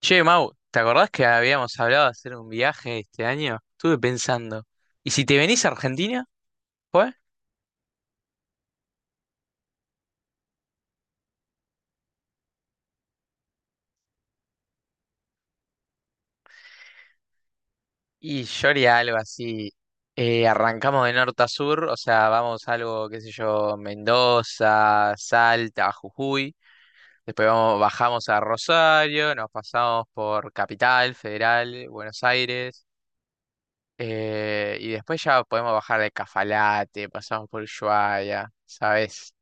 Che, Mau, ¿te acordás que habíamos hablado de hacer un viaje este año? Estuve pensando, ¿y si te venís a Argentina? ¿Fue? Y yo haría algo así. Arrancamos de norte a sur, o sea, vamos algo, qué sé yo, Mendoza, Salta, Jujuy, después vamos, bajamos a Rosario, nos pasamos por Capital Federal, Buenos Aires, y después ya podemos bajar de Cafalate, pasamos por Ushuaia, ¿sabes?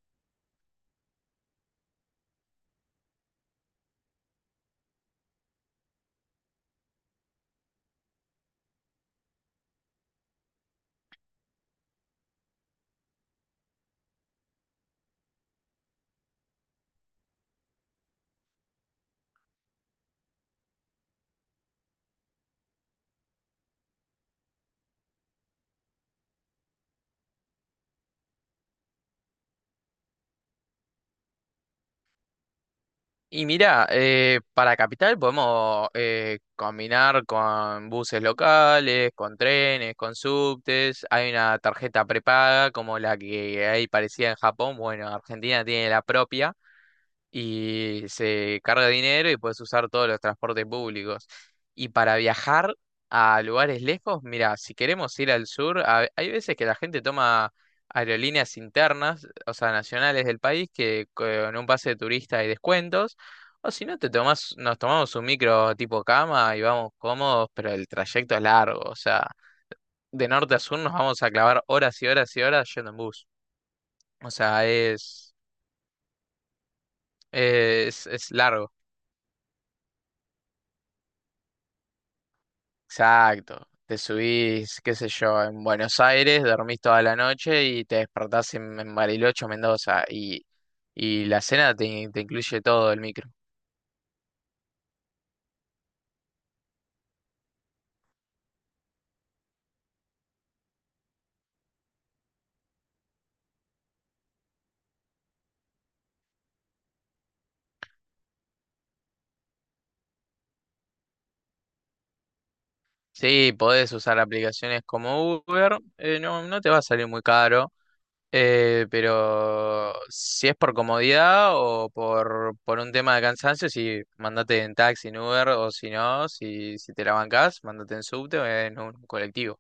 Y mira, para Capital podemos combinar con buses locales, con trenes, con subtes. Hay una tarjeta prepaga como la que hay parecida en Japón. Bueno, Argentina tiene la propia y se carga dinero y puedes usar todos los transportes públicos. Y para viajar a lugares lejos, mira, si queremos ir al sur, hay veces que la gente toma aerolíneas internas, o sea, nacionales del país, que con un pase de turista hay descuentos. O si no, te tomás, nos tomamos un micro tipo cama y vamos cómodos, pero el trayecto es largo. O sea, de norte a sur nos vamos a clavar horas y horas y horas yendo en bus. O sea, es largo. Exacto. Te subís, qué sé yo, en Buenos Aires, dormís toda la noche y te despertás en Bariloche o Mendoza. Y la cena te, te incluye todo el micro. Sí, podés usar aplicaciones como Uber, no, no te va a salir muy caro, pero si es por comodidad o por un tema de cansancio, sí, mandate en taxi, en Uber, o si no, si, si te la bancás, mandate en subte o en un colectivo.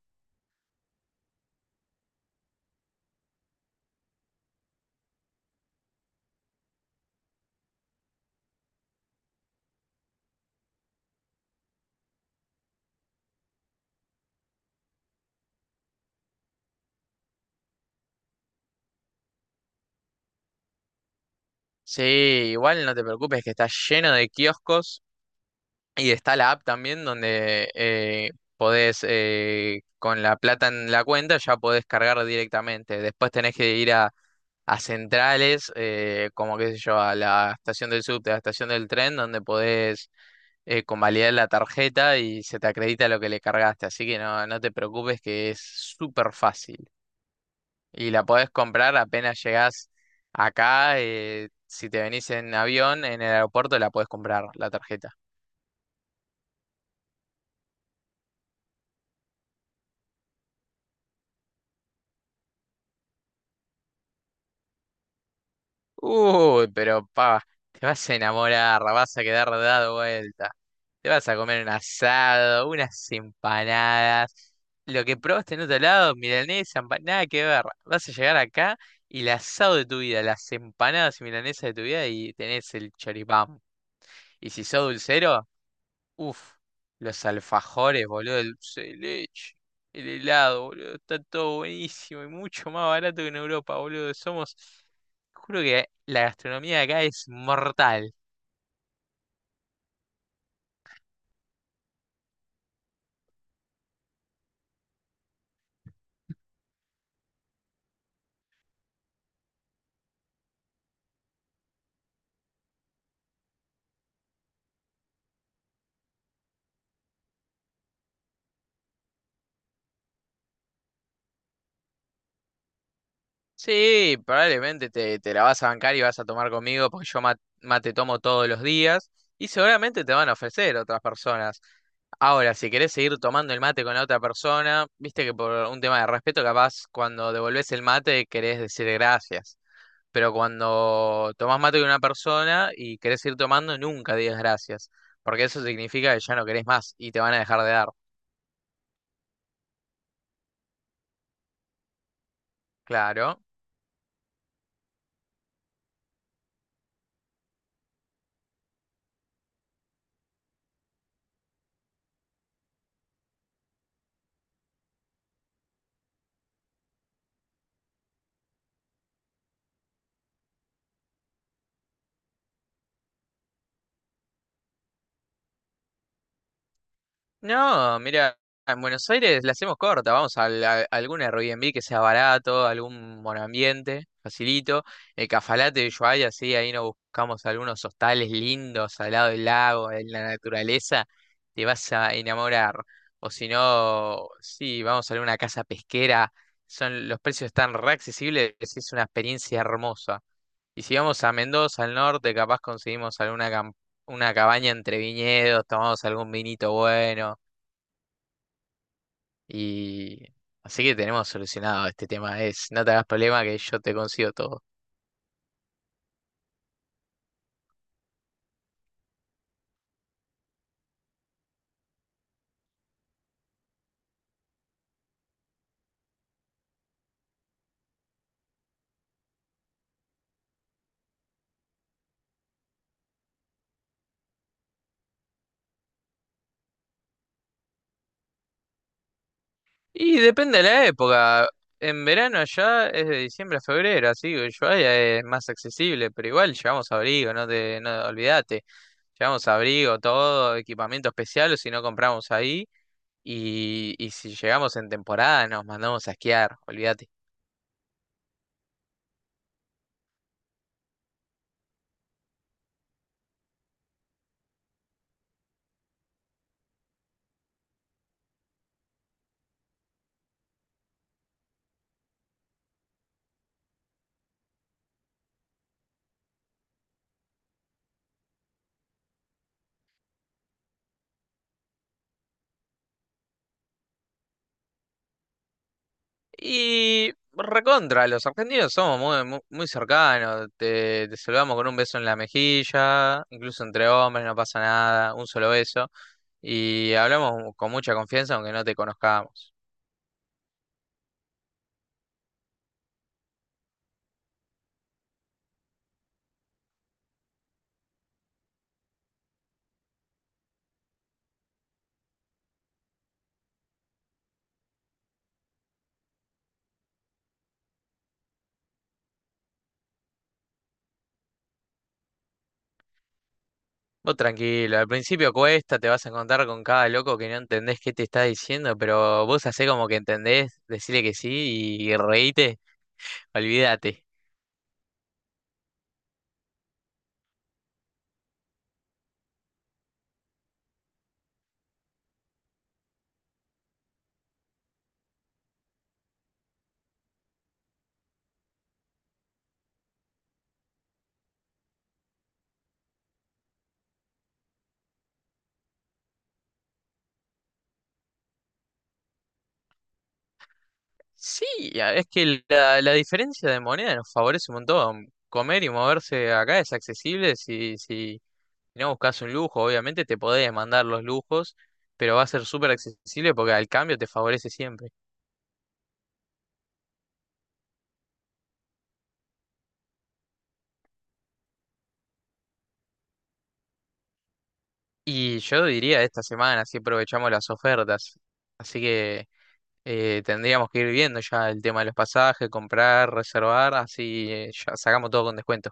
Sí, igual no te preocupes que está lleno de kioscos y está la app también donde podés, con la plata en la cuenta, ya podés cargar directamente. Después tenés que ir a centrales, como qué sé yo, a la estación del subte, a la estación del tren, donde podés convalidar la tarjeta y se te acredita lo que le cargaste. Así que no, no te preocupes que es súper fácil. Y la podés comprar apenas llegás acá. Si te venís en avión, en el aeropuerto la podés comprar, la tarjeta. Uy, pero pa, te vas a enamorar, vas a quedar dado vuelta. Te vas a comer un asado, unas empanadas. Lo que probaste en otro lado, milanesa, nada que ver. Vas a llegar acá y el asado de tu vida, las empanadas y milanesas de tu vida y tenés el choripán. Y si sos dulcero, uf, los alfajores, boludo, el dulce de leche, el helado, boludo, está todo buenísimo y mucho más barato que en Europa, boludo. Somos, juro que la gastronomía de acá es mortal. Sí, probablemente te, te la vas a bancar y vas a tomar conmigo porque mate tomo todos los días y seguramente te van a ofrecer otras personas. Ahora, si querés seguir tomando el mate con la otra persona, viste que por un tema de respeto, capaz cuando devolvés el mate querés decir gracias. Pero cuando tomás mate de una persona y querés ir tomando, nunca digas gracias, porque eso significa que ya no querés más y te van a dejar de dar. Claro. No, mira, en Buenos Aires la hacemos corta, vamos a, algún Airbnb que sea barato, algún monoambiente, facilito. El Cafalate de Ushuaia, sí, ahí nos buscamos algunos hostales lindos al lado del lago, en la naturaleza, te vas a enamorar. O si no, sí, vamos a alguna casa pesquera, son, los precios están re accesibles, es una experiencia hermosa. Y si vamos a Mendoza, al norte, capaz conseguimos alguna una cabaña entre viñedos, tomamos algún vinito bueno. Y así que tenemos solucionado este tema. Es, no te hagas problema que yo te consigo todo. Y depende de la época. En verano allá es de diciembre a febrero, así que Ushuaia es más accesible, pero igual llevamos abrigo, no te, no olvídate. Llevamos abrigo, todo, equipamiento especial, o si no compramos ahí. Y si llegamos en temporada nos mandamos a esquiar, olvídate. Y recontra, los argentinos somos muy, muy, muy cercanos, te saludamos con un beso en la mejilla, incluso entre hombres no pasa nada, un solo beso, y hablamos con mucha confianza aunque no te conozcamos. Vos tranquilo, al principio cuesta, te vas a encontrar con cada loco que no entendés qué te está diciendo, pero vos hacés como que entendés, decirle que sí y reíte, olvídate. Sí, es que la diferencia de moneda nos favorece un montón. Comer y moverse acá es accesible si, si no buscas un lujo, obviamente te podés mandar los lujos, pero va a ser súper accesible porque al cambio te favorece siempre. Y yo diría esta semana, si aprovechamos las ofertas. Así que tendríamos que ir viendo ya el tema de los pasajes, comprar, reservar, así ya sacamos todo con descuento.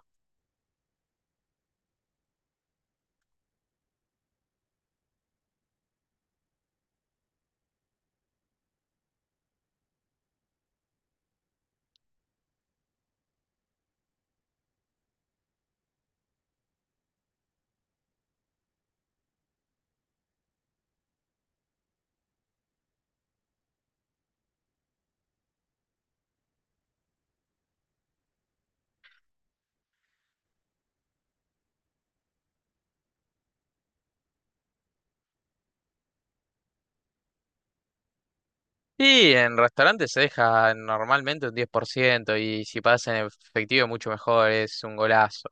Y en restaurantes se deja normalmente un 10% y si pagas en efectivo mucho mejor, es un golazo.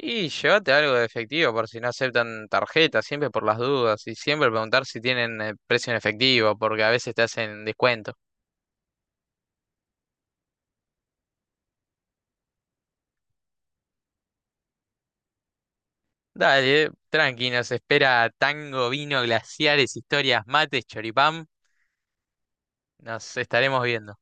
Y llévate algo de efectivo por si no aceptan tarjeta, siempre por las dudas y siempre preguntar si tienen precio en efectivo porque a veces te hacen descuento. Dale, tranqui, nos espera tango, vino, glaciares, historias, mates, choripán. Nos estaremos viendo.